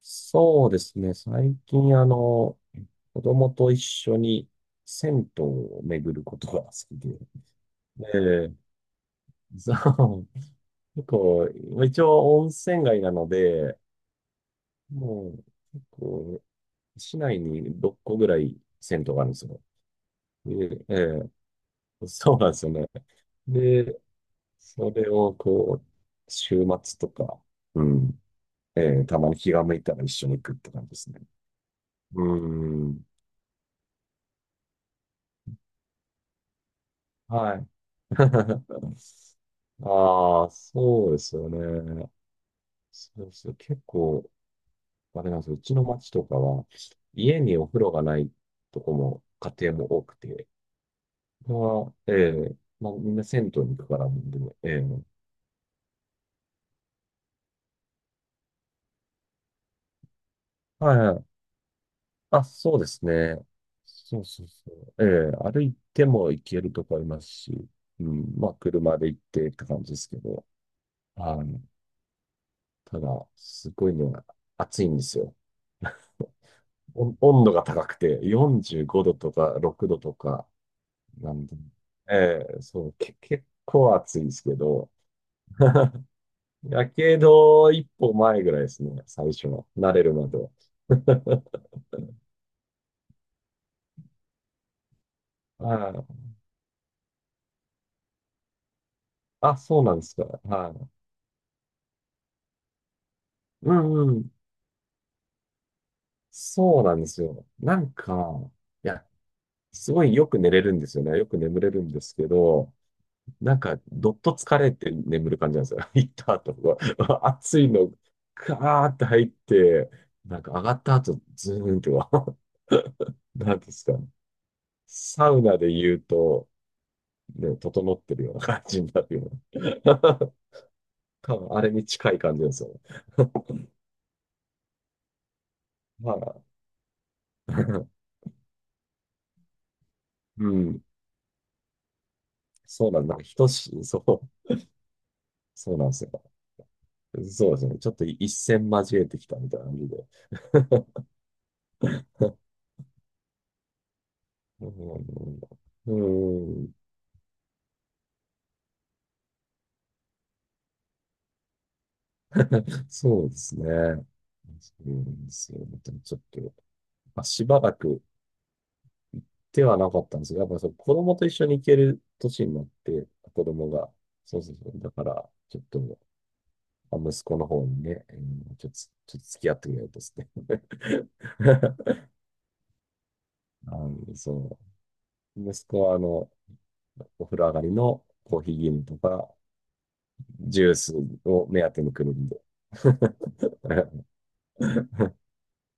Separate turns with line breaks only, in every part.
そうですね。最近、子供と一緒に銭湯を巡ることが好きで。で、そう、結構、まあ一応温泉街なので、もう、結構、市内に6個ぐらい銭湯があるんですよ。で、ええ、そうなんですよね。で、それをこう、週末とか、うん、ええ、たまに気が向いたら一緒に行くって感じですね。うん。はい。ああ、そうですよね。そうですよ。結構、あれなんですよ。うちの町とかは、家にお風呂がないとこも、家庭も多くて、まええまあ、みんな銭湯に行くからなんで、ええはいはい。あ、そうですね。そうそうそう。ええ歩いても行けるとこありますし、うん、まあ、車で行ってって感じですけど、あの、ただ、すごいのが暑いんですよ。温度が高くて、45度とか6度とか、なんで、ええそう、結構暑いですけど、やけど一歩前ぐらいですね、最初の、慣れるまでは。はい。あ、そうなんですか。はい。うんうん。そうなんですよ。なんか、いや、すごいよく寝れるんですよね。よく眠れるんですけど、なんか、どっと疲れて眠る感じなんですよ。行った後は、暑いの、ガーって入って、なんか上がった後、ズーンとは、なんですかね、サウナで言うと、ね、整ってるような感じになるような。多分、あれに近い感じですよ。まあ、うん、そうなんだ。なんか等しい、そう、そうなんですよ。そうですね。ちょっと一線交えてきたみたいな感じで。うん、うんそうですね。そうなんですよ。でもちょっと、まあ、しばらく手はなかったんですが、やっぱりそう子供と一緒に行ける年になって、子供が、そうそうそう。だから、ちょっと、まあ息子の方にね、ちょっと、ちょっと付き合ってくれると ですね。そう。息子は、お風呂上がりのコーヒー牛乳とか、ジュースを目当てに来るんで。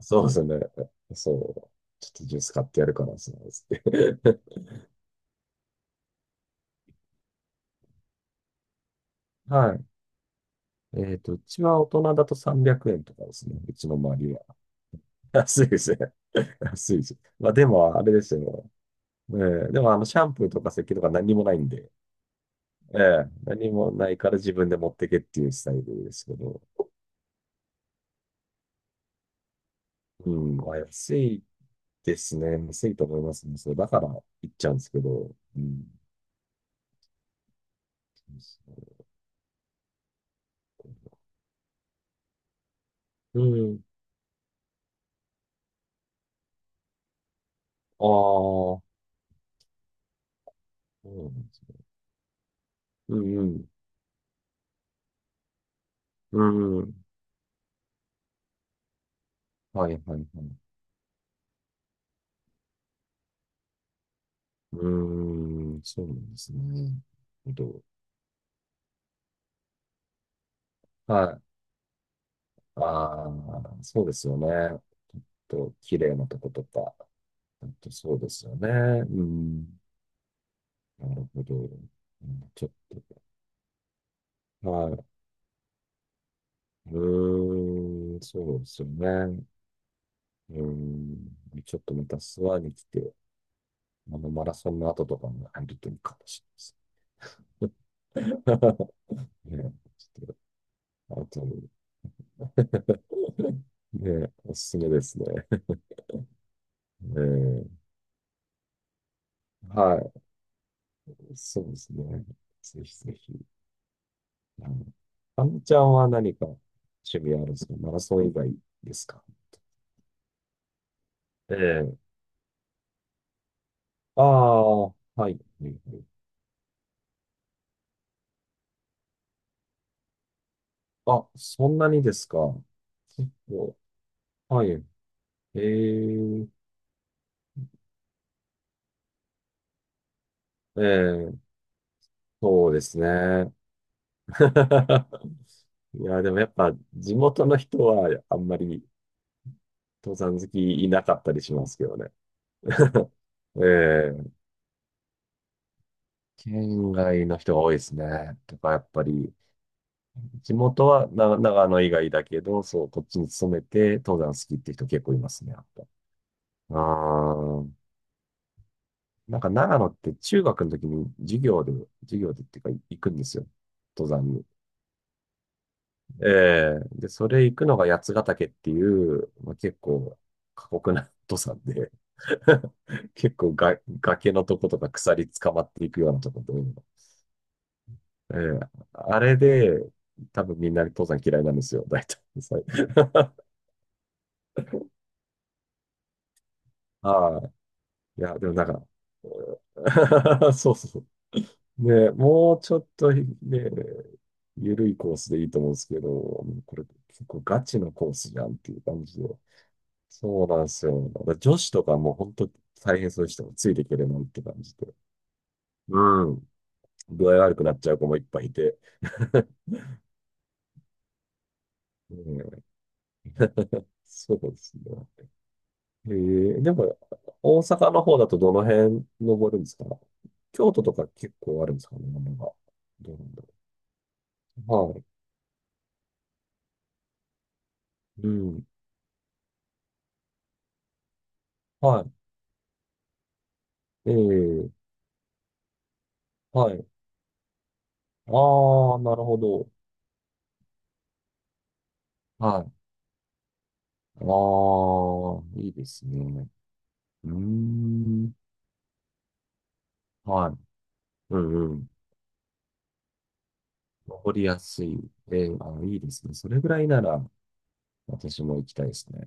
そうですね。そう。ちょっとジュース買ってやるから、そうですね。はい。うちは大人だと300円とかですね。うちの周りは。安いですね。安いです。まあでも、あれですよ。ええでも、シャンプーとか石鹸とか何もないんで、ええ何もないから自分で持ってけっていうスタイルですけど、うん、まあ、安いですね。安いと思いますね。そう、だから行っちゃうんですけど、うん。そうそううん。ああ、そうなんですよ。うん、うん、うん。はい、はい、はい。うーん、そうなんですね。なるほど。はい。ああ、そうですよね。ちょっと、綺麗なとことか。ほんとそうですよね。うん。なるほど。うん、ちょっと、はい。うーん、そうですよね。うん。ちょっとまた諏訪に来て、マラソンの後とかも入るといいかもしれないです ね、ちょっと、後に。ね、おすすめですね。えー、はい、そうですね。ぜひぜひ。うん。あのちゃんは何か趣味あるんですか？マラソン以外ですか？ええ。ああ、はい。はいはい。あ、そんなにですか？お、はい。ええ、ええ、そうですね。いや、でもやっぱ地元の人はあんまり登山好きいなかったりしますけどね。ええ、県外の人が多いですね。とか、やっぱり地元はな長野以外だけど、そう、こっちに勤めて登山好きって人結構いますね、やっぱ。ああ、なんか長野って中学の時に授業で、授業でっていうか行くんですよ。登山に。ええで、それ行くのが八ヶ岳っていう、まあ、結構過酷な登山で、結構が崖のとことか鎖捕まっていくようなとこで、ええあれで多分みんな登山嫌いなんですよ、大体。はい。 あ、いや、でもなんか、うん、 そうそう。ね、もうちょっとね、ゆるいコースでいいと思うんですけど、これ結構ガチのコースじゃんっていう感じで。そうなんですよ。だから女子とかもう本当大変そうでしたもんついていけるなんて感じで。うん。具合悪くなっちゃう子もいっぱいいて。ねえ、そうですね。えでも、大阪の方だとどの辺登るんですか？京都とか結構あるんですかね、山が。どうなんだろう。はい。うん。はい。ええ、はい。ああ、なるほど。はい。ああ、いいですね。うーん。はい。うんうん。登りやすい。ええ、あ、いいですね。それぐらいなら、私も行きたいですね。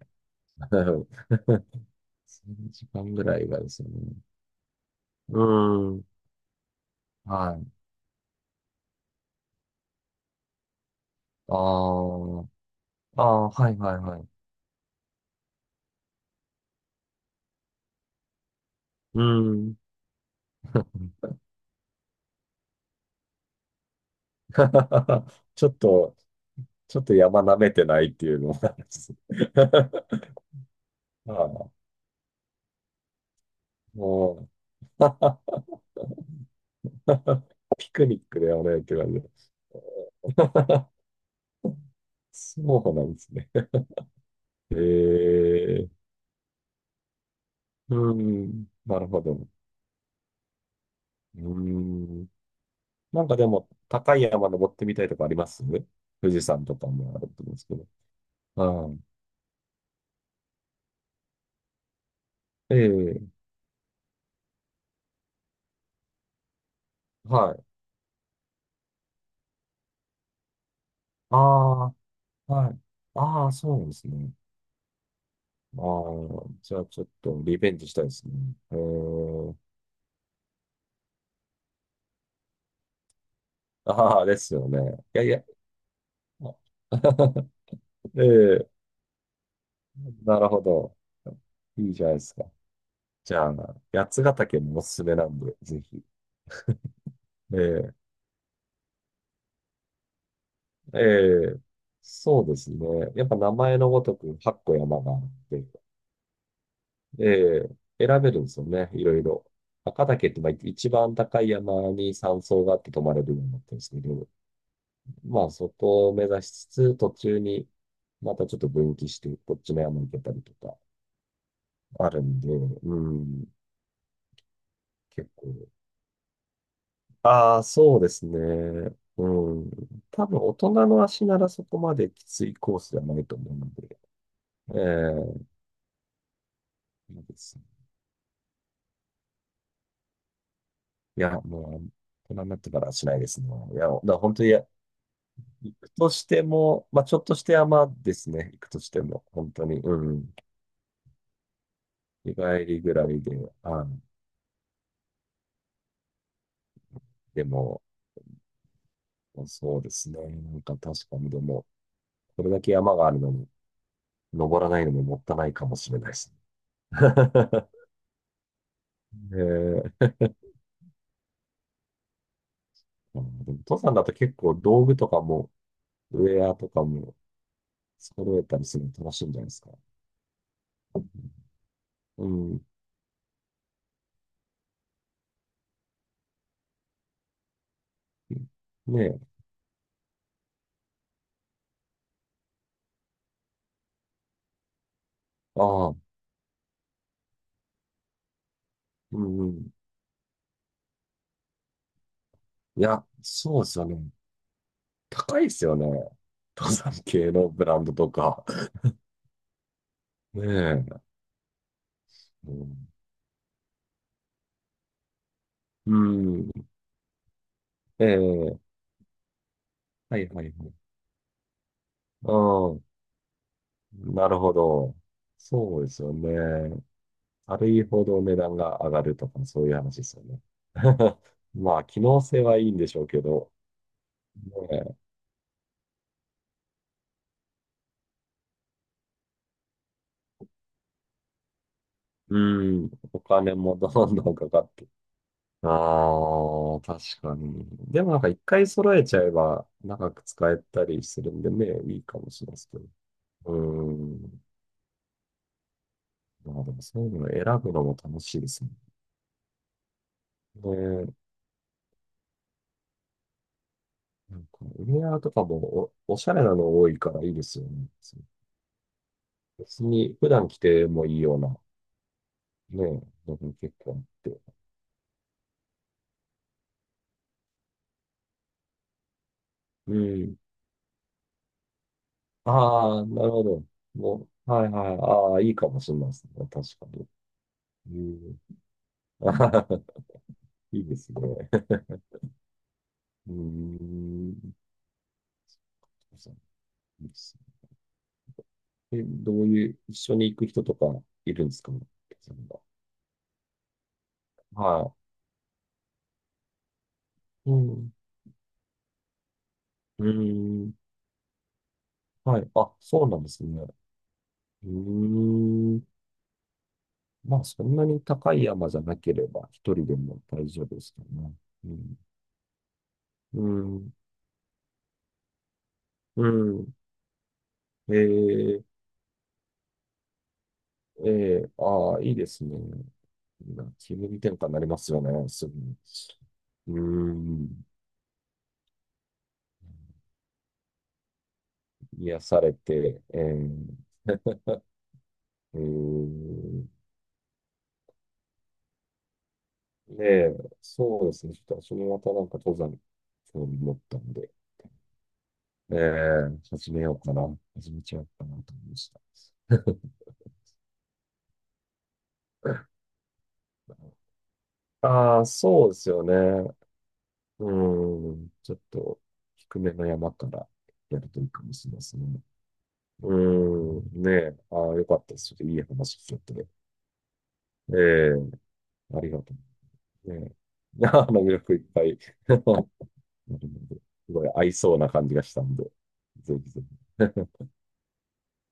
3時間ぐらいがですよね。うーん。はい。ああ、あー、はいはいはい。うーん。ちょっと、ちょっと山舐めてないっていうのもあるんです。ああ、も、 ピクニックであれって感じ。そうなんですね。ええうん、なるほど。うん。なんかでも、高い山登ってみたいとかあります？富士山とかもあると思うんですけど。うん。ええ、はい。ああ、はい。ああ、そうなんですね。ああ、じゃあちょっとリベンジしたいですね。ええああ、ですよね。いやいや。ええ、なるほど。いいじゃないですか。じゃあ、八ヶ岳もおすすめなんで、ぜひ。ええええ、そうですね。やっぱ名前のごとく8個山があって、ええ選べるんですよね、いろいろ。赤岳ってまあ一番高い山に山荘があって泊まれるようになってるんですけど、まあそこを目指しつつ、途中にまたちょっと分岐して、こっちの山に行けたりとかあるんで、うん、結構ああ、そうですね。うん。多分、大人の足ならそこまできついコースではないと思うので。ええ、いいですね。いや、もう、大人になってからはしないですね。いや、だから本当に、いや行くとしても、まあ、ちょっとして山ですね。行くとしても、本当に。うん。日帰りぐらいで、あでも、そうですね。なんか確かに、でも、これだけ山があるのに、登らないのももったいないかもしれないですね。ええ、あー、でも登山だと結構道具とかも、ウェアとかも揃えたりするの楽しいんじゃないですか？うん。ねえ。ああ、うんうん。いや、そうですよね。高いですよね。登山系のブランドとか。ねえ。うん。うんええ。はいはいはい。うん。なるほど。そうですよね。軽いほど値段が上がるとか、そういう話ですよね。まあ、機能性はいいんでしょうけど。ね、うん。お金もどんどんかかって。ああ、確かに。でもなんか一回揃えちゃえば長く使えたりするんでね、いいかもしれないですけど。うん。まあでもそういうの選ぶのも楽しいですね。ねえ、なんかウェアとかもおしゃれなの多いからいいですよね。そう別に普段着てもいいような、ねえ、のも結構あって。うん。ああ、なるほど。もう、はいはい。ああ、いいかもしれないですね。確かに。うん。 あはは、いいですね。うーん。そうですねえ、どういう、一緒に行く人とかいるんですか？そんな、はい。うん。うーん。はい。あ、そうなんですね。うーん。まあ、そんなに高い山じゃなければ、一人でも大丈夫ですかね。うん。うん。うん。えー、ああ、いいですね。な気分転換になりますよね、すぐに。うーん。癒されて、うーん、で、そうですね。ちょっと私もまたなんか登山興味持ったんで、始めようかな。始めちゃおうかなと思いました。ああー、そうですよね。うん、ちょっと低めの山からやるといいかもしれないですね。うん、ねえ、ああ、よかったです。ちょっといい話聞けて。ええ、ありがとう。ねえ、あの魅力いっぱい。なるほど、すごい合いそうな感じがしたんで、ぜひぜひ。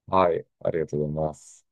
はい、ありがとうございます。